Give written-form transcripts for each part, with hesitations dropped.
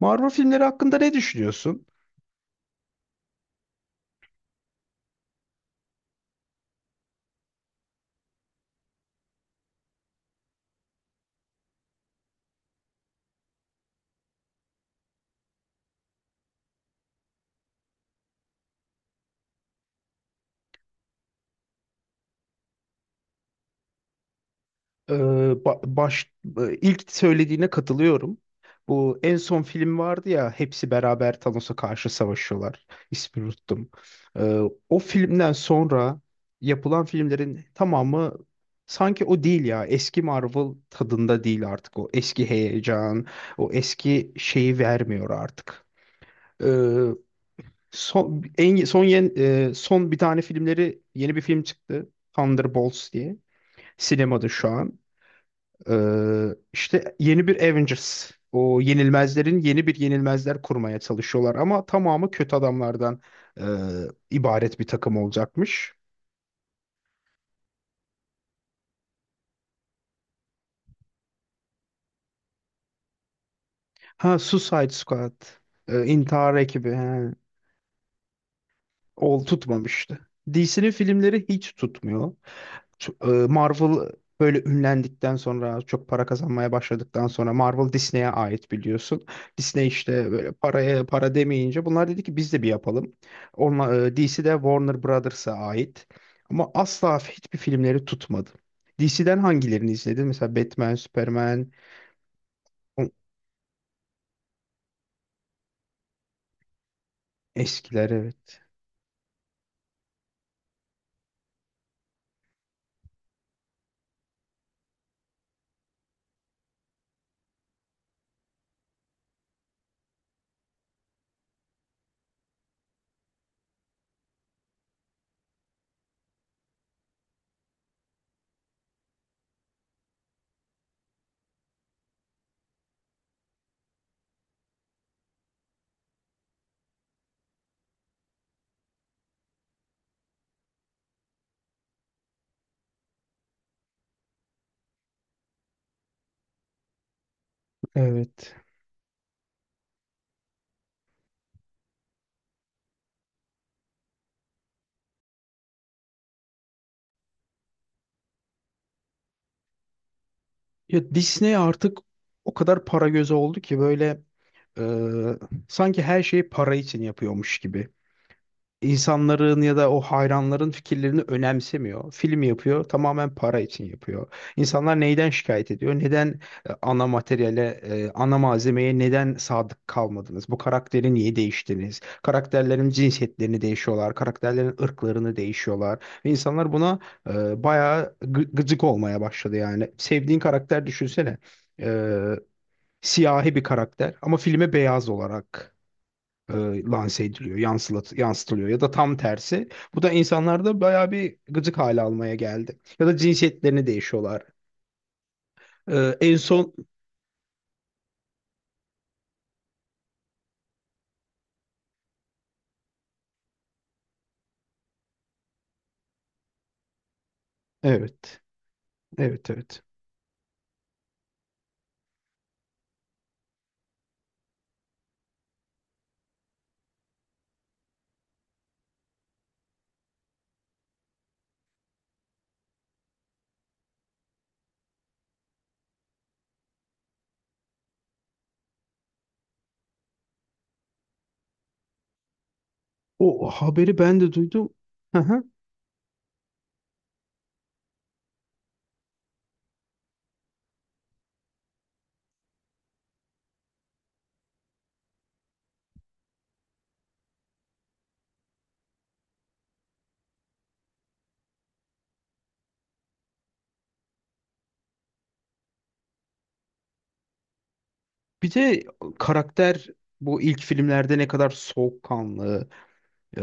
Marvel filmleri hakkında ne düşünüyorsun? Ee, ba- baş ilk söylediğine katılıyorum. Bu en son film vardı ya, hepsi beraber Thanos'a karşı savaşıyorlar. İsmini unuttum. Ee, O filmden sonra yapılan filmlerin tamamı sanki o değil ya. Eski Marvel tadında değil artık o. Eski heyecan, o eski şeyi vermiyor artık. Ee, son en son yen- e, Son bir tane filmleri, yeni bir film çıktı. Thunderbolts diye. Sinemada şu an. Ee, işte yeni bir Avengers. O yenilmezlerin yeni bir yenilmezler kurmaya çalışıyorlar, ama tamamı kötü adamlardan e, ibaret bir takım olacakmış. Ha, Suicide Squad. E, intihar ekibi. He. Ol tutmamıştı. DC'nin filmleri hiç tutmuyor. T- Marvel böyle ünlendikten sonra, çok para kazanmaya başladıktan sonra, Marvel Disney'e ait, biliyorsun. Disney işte böyle paraya para demeyince bunlar dedi ki biz de bir yapalım. Onunla, DC de Warner Brothers'a ait. Ama asla hiçbir filmleri tutmadı. DC'den hangilerini izledin? Mesela Batman, Superman, o- eskiler, evet. Evet. Ya Disney artık o kadar para gözü oldu ki, böyle e, sanki her şeyi para için yapıyormuş gibi. İnsanların ya da o hayranların fikirlerini önemsemiyor. Film yapıyor, tamamen para için yapıyor. İnsanlar neyden şikayet ediyor? Neden ana materyale, ana malzemeye neden sadık kalmadınız? Bu karakteri niye değiştiniz? Karakterlerin cinsiyetlerini değişiyorlar, karakterlerin ırklarını değişiyorlar. Ve insanlar buna bayağı gıcık olmaya başladı yani. Sevdiğin karakter, düşünsene. E, Siyahi bir karakter ama filme beyaz olarak lanse ediliyor, yansıtılıyor, ya da tam tersi. Bu da insanlarda bayağı bir gıcık hale almaya geldi. Ya da cinsiyetlerini değişiyorlar. E, En son, evet, evet, evet. O haberi ben de duydum. Hı hı. Bir de karakter, bu ilk filmlerde ne kadar soğukkanlı, e,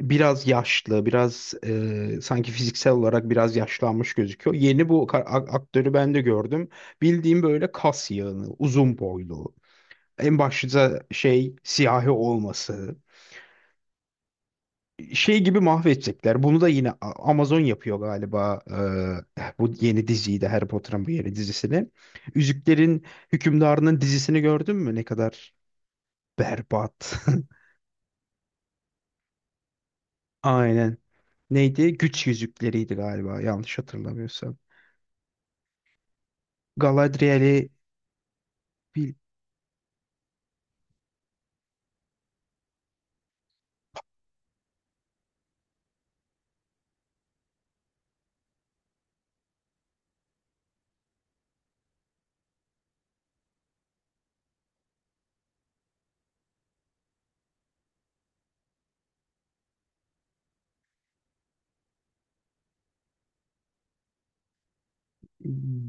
biraz yaşlı, biraz e, sanki fiziksel olarak biraz yaşlanmış gözüküyor. Yeni bu aktörü ben de gördüm. Bildiğim böyle kas yığını, uzun boylu. En başta şey, siyahi olması. Şey gibi mahvedecekler. Bunu da yine Amazon yapıyor galiba, bu yeni diziyi de, Harry Potter'ın bu yeni dizisini. Yüzüklerin Hükümdarı'nın dizisini gördün mü? Ne kadar berbat. Aynen. Neydi? Güç yüzükleriydi galiba, yanlış hatırlamıyorsam. Galadriel'i bil-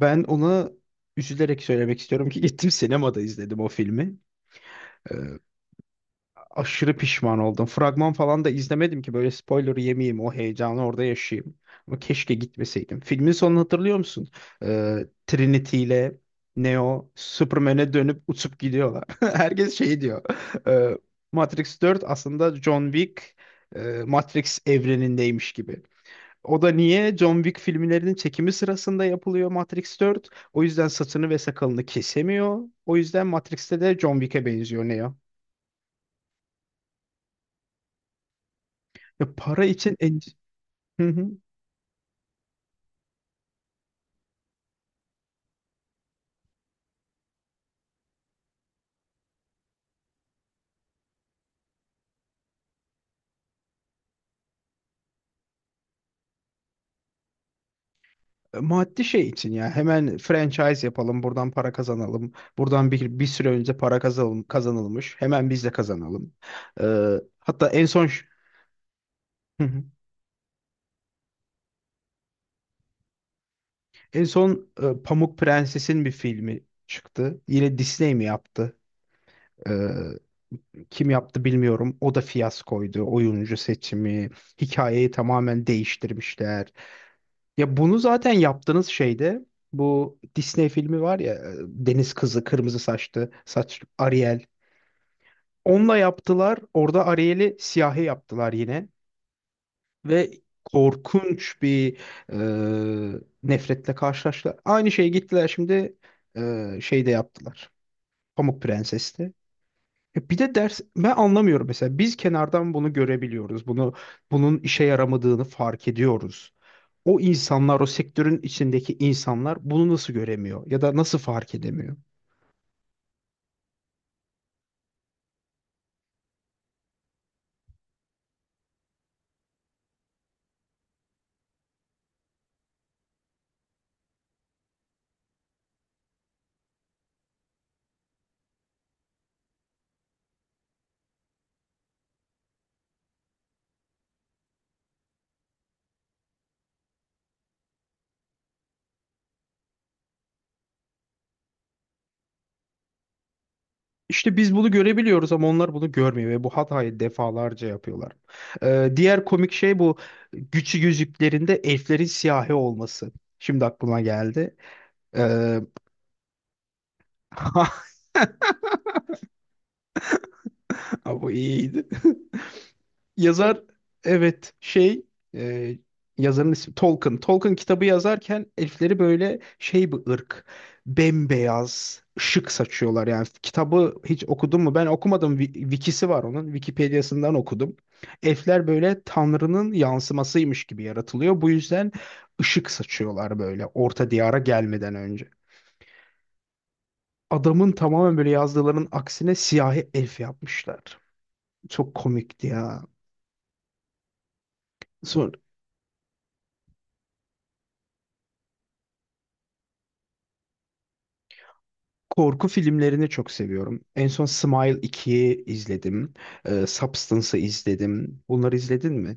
ben ona üzülerek söylemek istiyorum ki, gittim sinemada izledim o filmi. Aşırı pişman oldum. Fragman falan da izlemedim ki böyle spoiler yemeyeyim, o heyecanı orada yaşayayım. Ama keşke gitmeseydim. Filmin sonunu hatırlıyor musun? Ee, Trinity ile Neo Superman'e dönüp uçup gidiyorlar. Herkes şey diyor. e, Matrix 4 aslında John Wick Matrix evrenindeymiş gibi. O da niye? John Wick filmlerinin çekimi sırasında yapılıyor Matrix 4. O yüzden saçını ve sakalını kesemiyor. O yüzden Matrix'te de John Wick'e benziyor Neo. Ya para için. Hı hı. Maddi şey için, ya hemen franchise yapalım, buradan para kazanalım, buradan bir süre önce para kazanalım, kazanılmış, hemen biz de kazanalım. E, Hatta en son, hı hı, en son Pamuk Prenses'in bir filmi çıktı, yine Disney mi yaptı, E, kim yaptı bilmiyorum, o da fiyaskoydu, oyuncu seçimi, hikayeyi tamamen değiştirmişler. Ya bunu zaten yaptığınız şeyde, bu Disney filmi var ya, Deniz Kızı, kırmızı saçlı saç Ariel. Onunla yaptılar. Orada Ariel'i siyahi yaptılar yine. Ve korkunç bir nefretle karşılaştılar. Aynı şeyi gittiler şimdi şeyde yaptılar. Pamuk Prenses'te. Bir de ders, ben anlamıyorum mesela, biz kenardan bunu görebiliyoruz. Bunun işe yaramadığını fark ediyoruz. O insanlar, o sektörün içindeki insanlar bunu nasıl göremiyor ya da nasıl fark edemiyor? İşte biz bunu görebiliyoruz ama onlar bunu görmüyor ve bu hatayı defalarca yapıyorlar. Diğer komik şey, bu güçlü yüzüklerinde elflerin siyahi olması. Şimdi aklıma geldi. Ee, Bu iyiydi. Yazar, evet, e, yazarın ismi Tolkien. Tolkien kitabı yazarken elfleri böyle şey bir ırk. Bembeyaz ışık saçıyorlar yani. Kitabı hiç okudun mu? Ben okumadım. Wikisi var onun. Wikipedia'sından okudum. Elfler böyle Tanrı'nın yansımasıymış gibi yaratılıyor. Bu yüzden ışık saçıyorlar, böyle Orta Diyar'a gelmeden önce. Adamın tamamen böyle yazdıklarının aksine siyahi elf yapmışlar. Çok komikti ya. Sonra. Korku filmlerini çok seviyorum. En son Smile 2'yi izledim. Substance'ı izledim. Bunları izledin mi?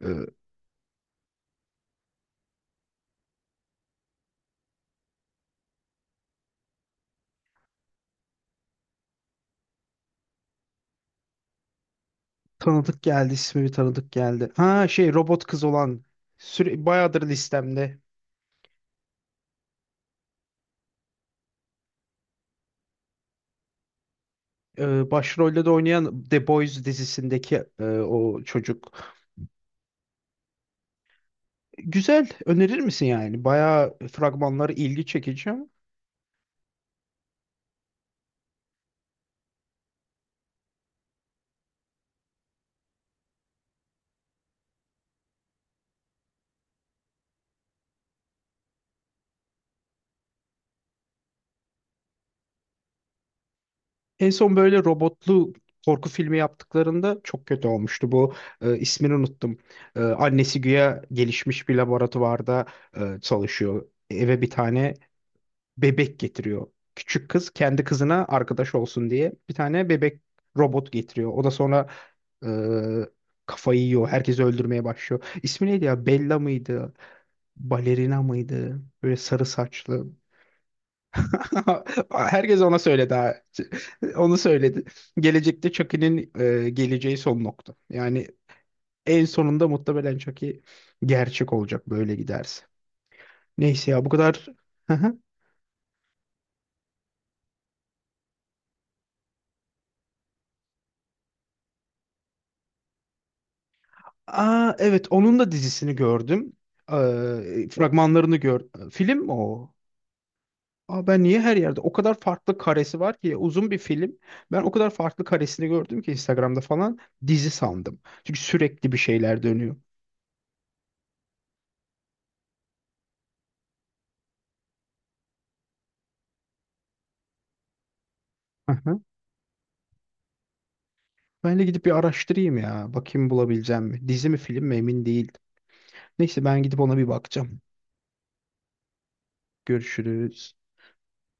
Ee, Tanıdık geldi, ismi bir tanıdık geldi. Ha şey, robot kız olan, süre, bayağıdır listemde. Başrolde de oynayan The Boys dizisindeki o çocuk. Güzel, önerir misin yani? Bayağı fragmanları ilgi çekici. En son böyle robotlu korku filmi yaptıklarında çok kötü olmuştu. Bu ismini unuttum. E, annesi güya gelişmiş bir laboratuvarda çalışıyor. Eve bir tane bebek getiriyor. Küçük kız kendi kızına arkadaş olsun diye bir tane bebek robot getiriyor. O da sonra Ee, kafayı yiyor. Herkesi öldürmeye başlıyor. İsmi neydi ya? Bella mıydı? Balerina mıydı? Böyle sarı saçlı. Herkes ona söyledi, ha. Onu söyledi. Gelecekte Chucky'nin geleceği son nokta. Yani en sonunda muhtemelen Chucky gerçek olacak, böyle giderse. Neyse ya, bu kadar. Hı hı. Aa, evet, onun da dizisini gördüm. Fragmanlarını gördüm. Film mi o? Aa, ben niye her yerde o kadar farklı karesi var ki, uzun bir film. Ben o kadar farklı karesini gördüm ki Instagram'da falan, dizi sandım. Çünkü sürekli bir şeyler dönüyor. Hı hı. Ben de gidip bir araştırayım ya. Bakayım bulabileceğim mi? Dizi mi film mi emin değildim. Neyse, ben gidip ona bir bakacağım. Görüşürüz.